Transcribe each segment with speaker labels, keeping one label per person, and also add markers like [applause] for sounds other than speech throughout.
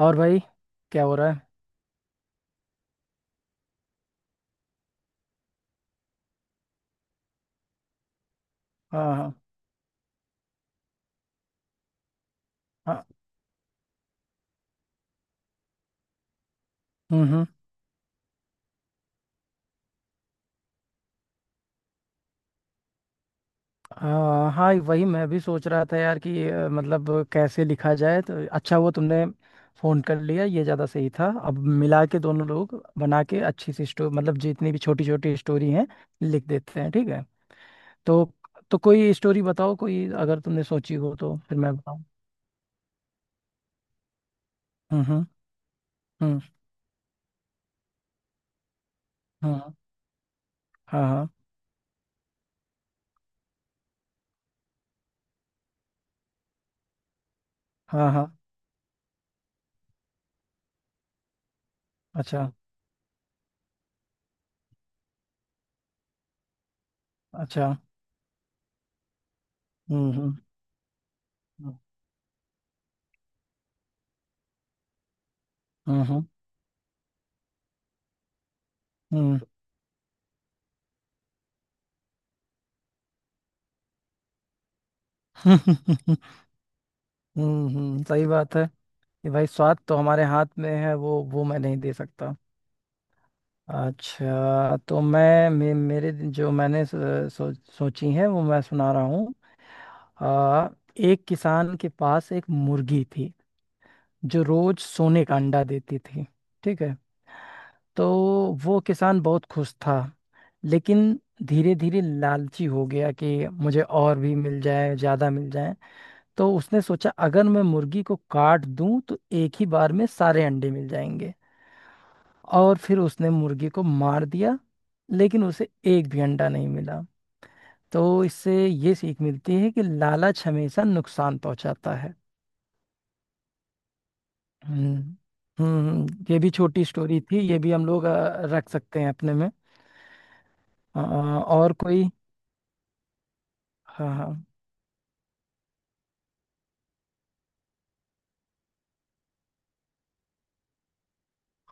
Speaker 1: और भाई। क्या हो रहा है? हाँ हाँ। हाँ। हम्म। हाँ हाँ, वही मैं भी सोच रहा था यार कि मतलब कैसे लिखा जाए, तो अच्छा हुआ तुमने फोन कर लिया। ये ज़्यादा सही था। अब मिला के दोनों लोग बना के अच्छी सी स्टोरी, मतलब जितनी भी छोटी छोटी स्टोरी हैं लिख देते हैं। ठीक है। तो तो कोई स्टोरी बताओ, कोई अगर तुमने सोची हो तो फिर मैं बताऊँ। हम्म। हम्म हम्म, हाँ हाँ। हाँ हाँ। अच्छा। अच्छा। हम्म। हम्म हम्म। हम्म [laughs] सही बात है। कि भाई स्वाद तो हमारे हाथ में है, वो मैं नहीं दे सकता। अच्छा तो मैं मेरे जो मैंने सोची है वो मैं सुना रहा हूँ। आ, एक किसान के पास एक मुर्गी थी जो रोज सोने का अंडा देती थी। ठीक है। तो वो किसान बहुत खुश था। लेकिन धीरे धीरे लालची हो गया कि मुझे और भी मिल जाए, ज़्यादा मिल जाए। तो उसने सोचा अगर मैं मुर्गी को काट दूं तो एक ही बार में सारे अंडे मिल जाएंगे। और फिर उसने मुर्गी को मार दिया। लेकिन उसे एक भी अंडा नहीं मिला। तो इससे ये सीख मिलती है कि लालच हमेशा नुकसान पहुंचाता है। हम्म हम्म। ये भी छोटी स्टोरी थी, ये भी हम लोग रख सकते हैं अपने में। और कोई? हाँ हाँ।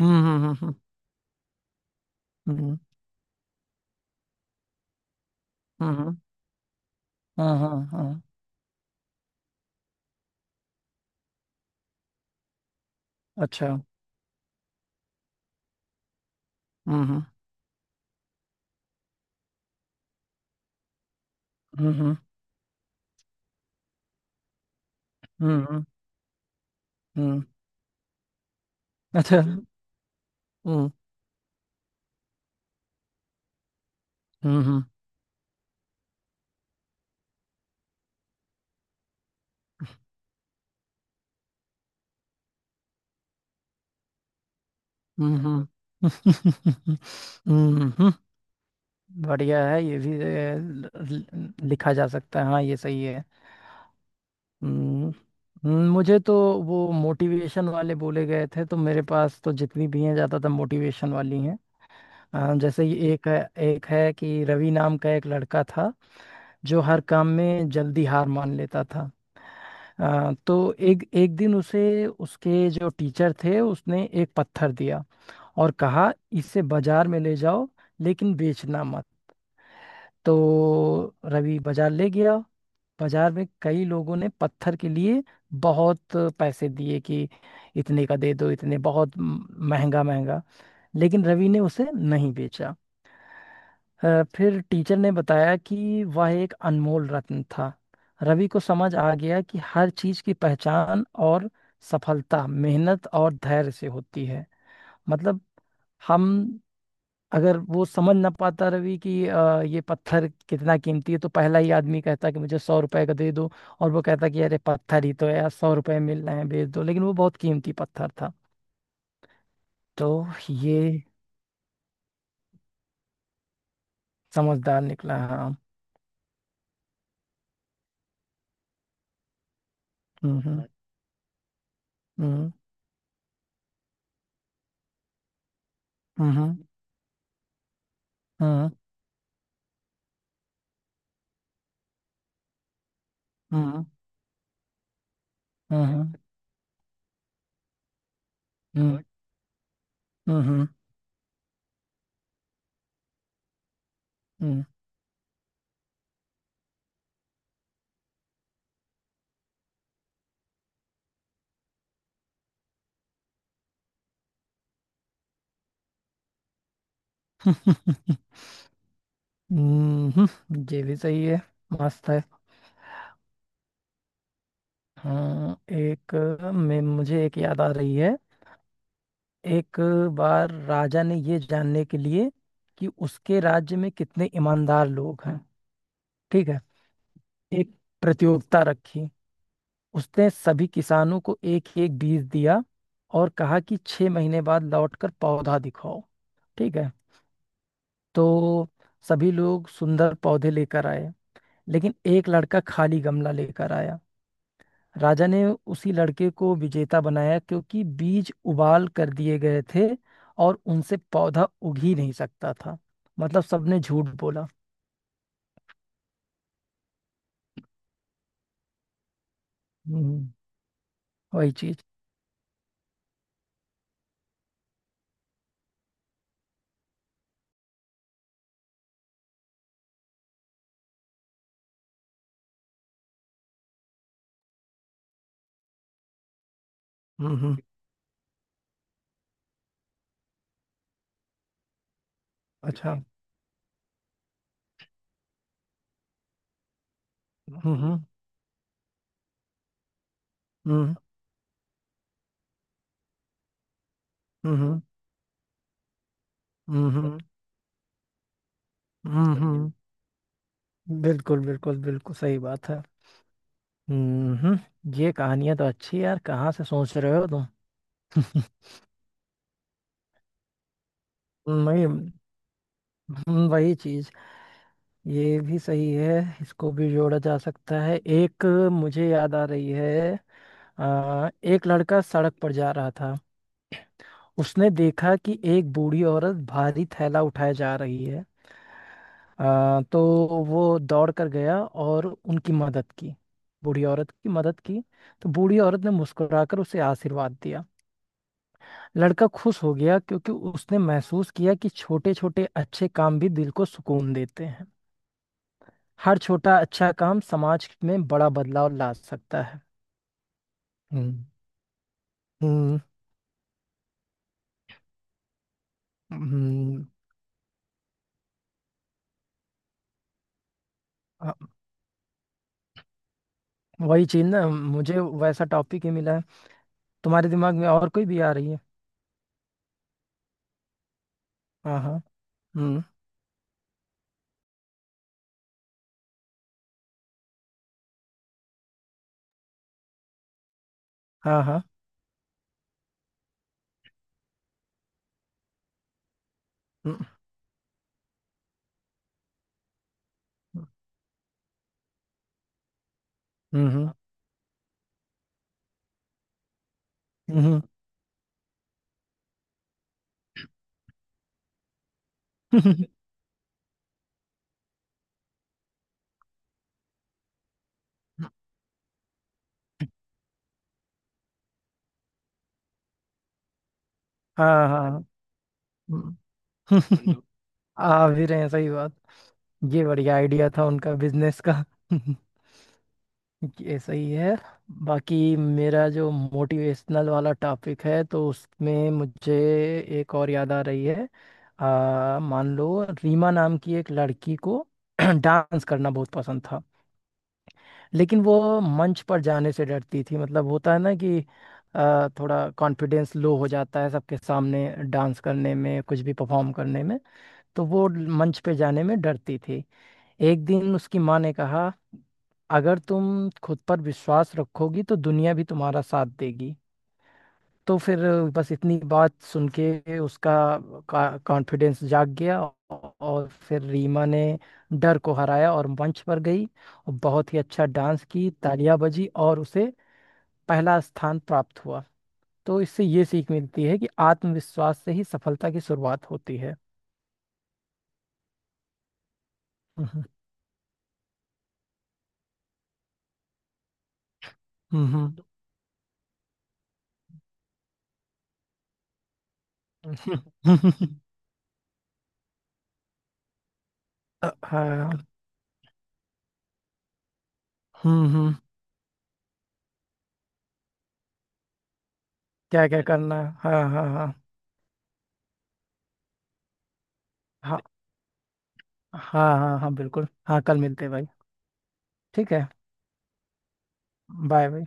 Speaker 1: हम्म। हम्म। हम्म हम्म, हम्म, हाँ हाँ हाँ। अच्छा। हम्म हम्म। हम्म। हम्म, अच्छा। हम्म हम्म। हम्म हम्म [laughs] हम्म। बढ़िया है, ये भी लिखा जा सकता है। हाँ ये सही है। हम्म मुझे तो वो मोटिवेशन वाले बोले गए थे, तो मेरे पास तो जितनी भी हैं ज्यादातर मोटिवेशन वाली हैं। जैसे ये एक है। एक है कि रवि नाम का एक लड़का था जो हर काम में जल्दी हार मान लेता था। तो एक एक दिन उसे उसके जो टीचर थे उसने एक पत्थर दिया और कहा इसे बाजार में ले जाओ लेकिन बेचना मत। तो रवि बाजार ले गया। बाजार में कई लोगों ने पत्थर के लिए बहुत पैसे दिए कि इतने का दे दो, इतने, बहुत महंगा महंगा। लेकिन रवि ने उसे नहीं बेचा। फिर टीचर ने बताया कि वह एक अनमोल रत्न था। रवि को समझ आ गया कि हर चीज की पहचान और सफलता मेहनत और धैर्य से होती है। मतलब हम, अगर वो समझ ना पाता रवि कि ये पत्थर कितना कीमती है, तो पहला ही आदमी कहता कि मुझे 100 रुपए का दे दो। और वो कहता कि अरे पत्थर ही तो है यार, 100 रुपए मिल रहे हैं बेच दो, लेकिन वो बहुत कीमती पत्थर था। तो ये समझदार निकला, हाँ। हम्म हम्म। हम्म हम्म। हम्म हम्म। हम्म हम्म। हम्म, हम्म, [laughs] ये भी सही है। मस्त है। हाँ एक। मैं मुझे एक याद आ रही है। एक बार राजा ने ये जानने के लिए कि उसके राज्य में कितने ईमानदार लोग हैं, ठीक है, एक प्रतियोगिता रखी। उसने सभी किसानों को एक एक बीज दिया और कहा कि 6 महीने बाद लौटकर पौधा दिखाओ। ठीक है। तो सभी लोग सुंदर पौधे लेकर आए। लेकिन एक लड़का खाली गमला लेकर आया। राजा ने उसी लड़के को विजेता बनाया क्योंकि बीज उबाल कर दिए गए थे और उनसे पौधा उग ही नहीं सकता था। मतलब सबने झूठ बोला। हम्म वही चीज। हम्म। अच्छा। हम्म। हम्म हम्म। हम्म। बिल्कुल बिल्कुल बिल्कुल सही बात है। हम्म। ये कहानियां तो अच्छी है यार, कहाँ से सोच रहे हो तुम? [laughs] वही। वही चीज। ये भी सही है, इसको भी जोड़ा जा सकता है। एक मुझे याद आ रही है। एक लड़का सड़क पर जा रहा था। उसने देखा कि एक बूढ़ी औरत भारी थैला उठाए जा रही है। तो वो दौड़ कर गया और उनकी मदद की। बूढ़ी औरत की मदद की। तो बूढ़ी औरत ने मुस्कुराकर उसे आशीर्वाद दिया। लड़का खुश हो गया क्योंकि उसने महसूस किया कि छोटे छोटे अच्छे काम भी दिल को सुकून देते हैं। हर छोटा अच्छा काम समाज में बड़ा बदलाव ला सकता है। हम्म हम्म। हम्म, अ, वही चीज ना, मुझे वैसा टॉपिक ही मिला है। तुम्हारे दिमाग में और कोई भी आ रही है? हाँ हाँ। हम्म। हाँ हाँ। हम्म हम्म। हम्म हम्म, [laughs] हाँ हाँ। हम्म, [laughs] आ भी रहे हैं, सही बात। ये बढ़िया आइडिया था उनका बिजनेस का। [laughs] ये सही है। बाकी मेरा जो मोटिवेशनल वाला टॉपिक है तो उसमें मुझे एक और याद आ रही है। मान लो रीमा नाम की एक लड़की को [clears throat] डांस करना बहुत पसंद था। लेकिन वो मंच पर जाने से डरती थी, मतलब होता है ना कि थोड़ा कॉन्फिडेंस लो हो जाता है सबके सामने डांस करने में, कुछ भी परफॉर्म करने में। तो वो मंच पे जाने में डरती थी। एक दिन उसकी माँ ने कहा, अगर तुम खुद पर विश्वास रखोगी तो दुनिया भी तुम्हारा साथ देगी। तो फिर बस इतनी बात सुन के उसका कॉन्फिडेंस जाग गया। और फिर रीमा ने डर को हराया और मंच पर गई और बहुत ही अच्छा डांस की, तालियां बजी और उसे पहला स्थान प्राप्त हुआ। तो इससे ये सीख मिलती है कि आत्मविश्वास से ही सफलता की शुरुआत होती है। हम्म हम्म। हम्म, हम्म, [laughs] हाँ। हम्म। क्या क्या करना है, हाँ हाँ हाँ। हाँ हाँ हाँ हाँ बिल्कुल हाँ, कल मिलते हैं भाई। ठीक है। बाय भाई।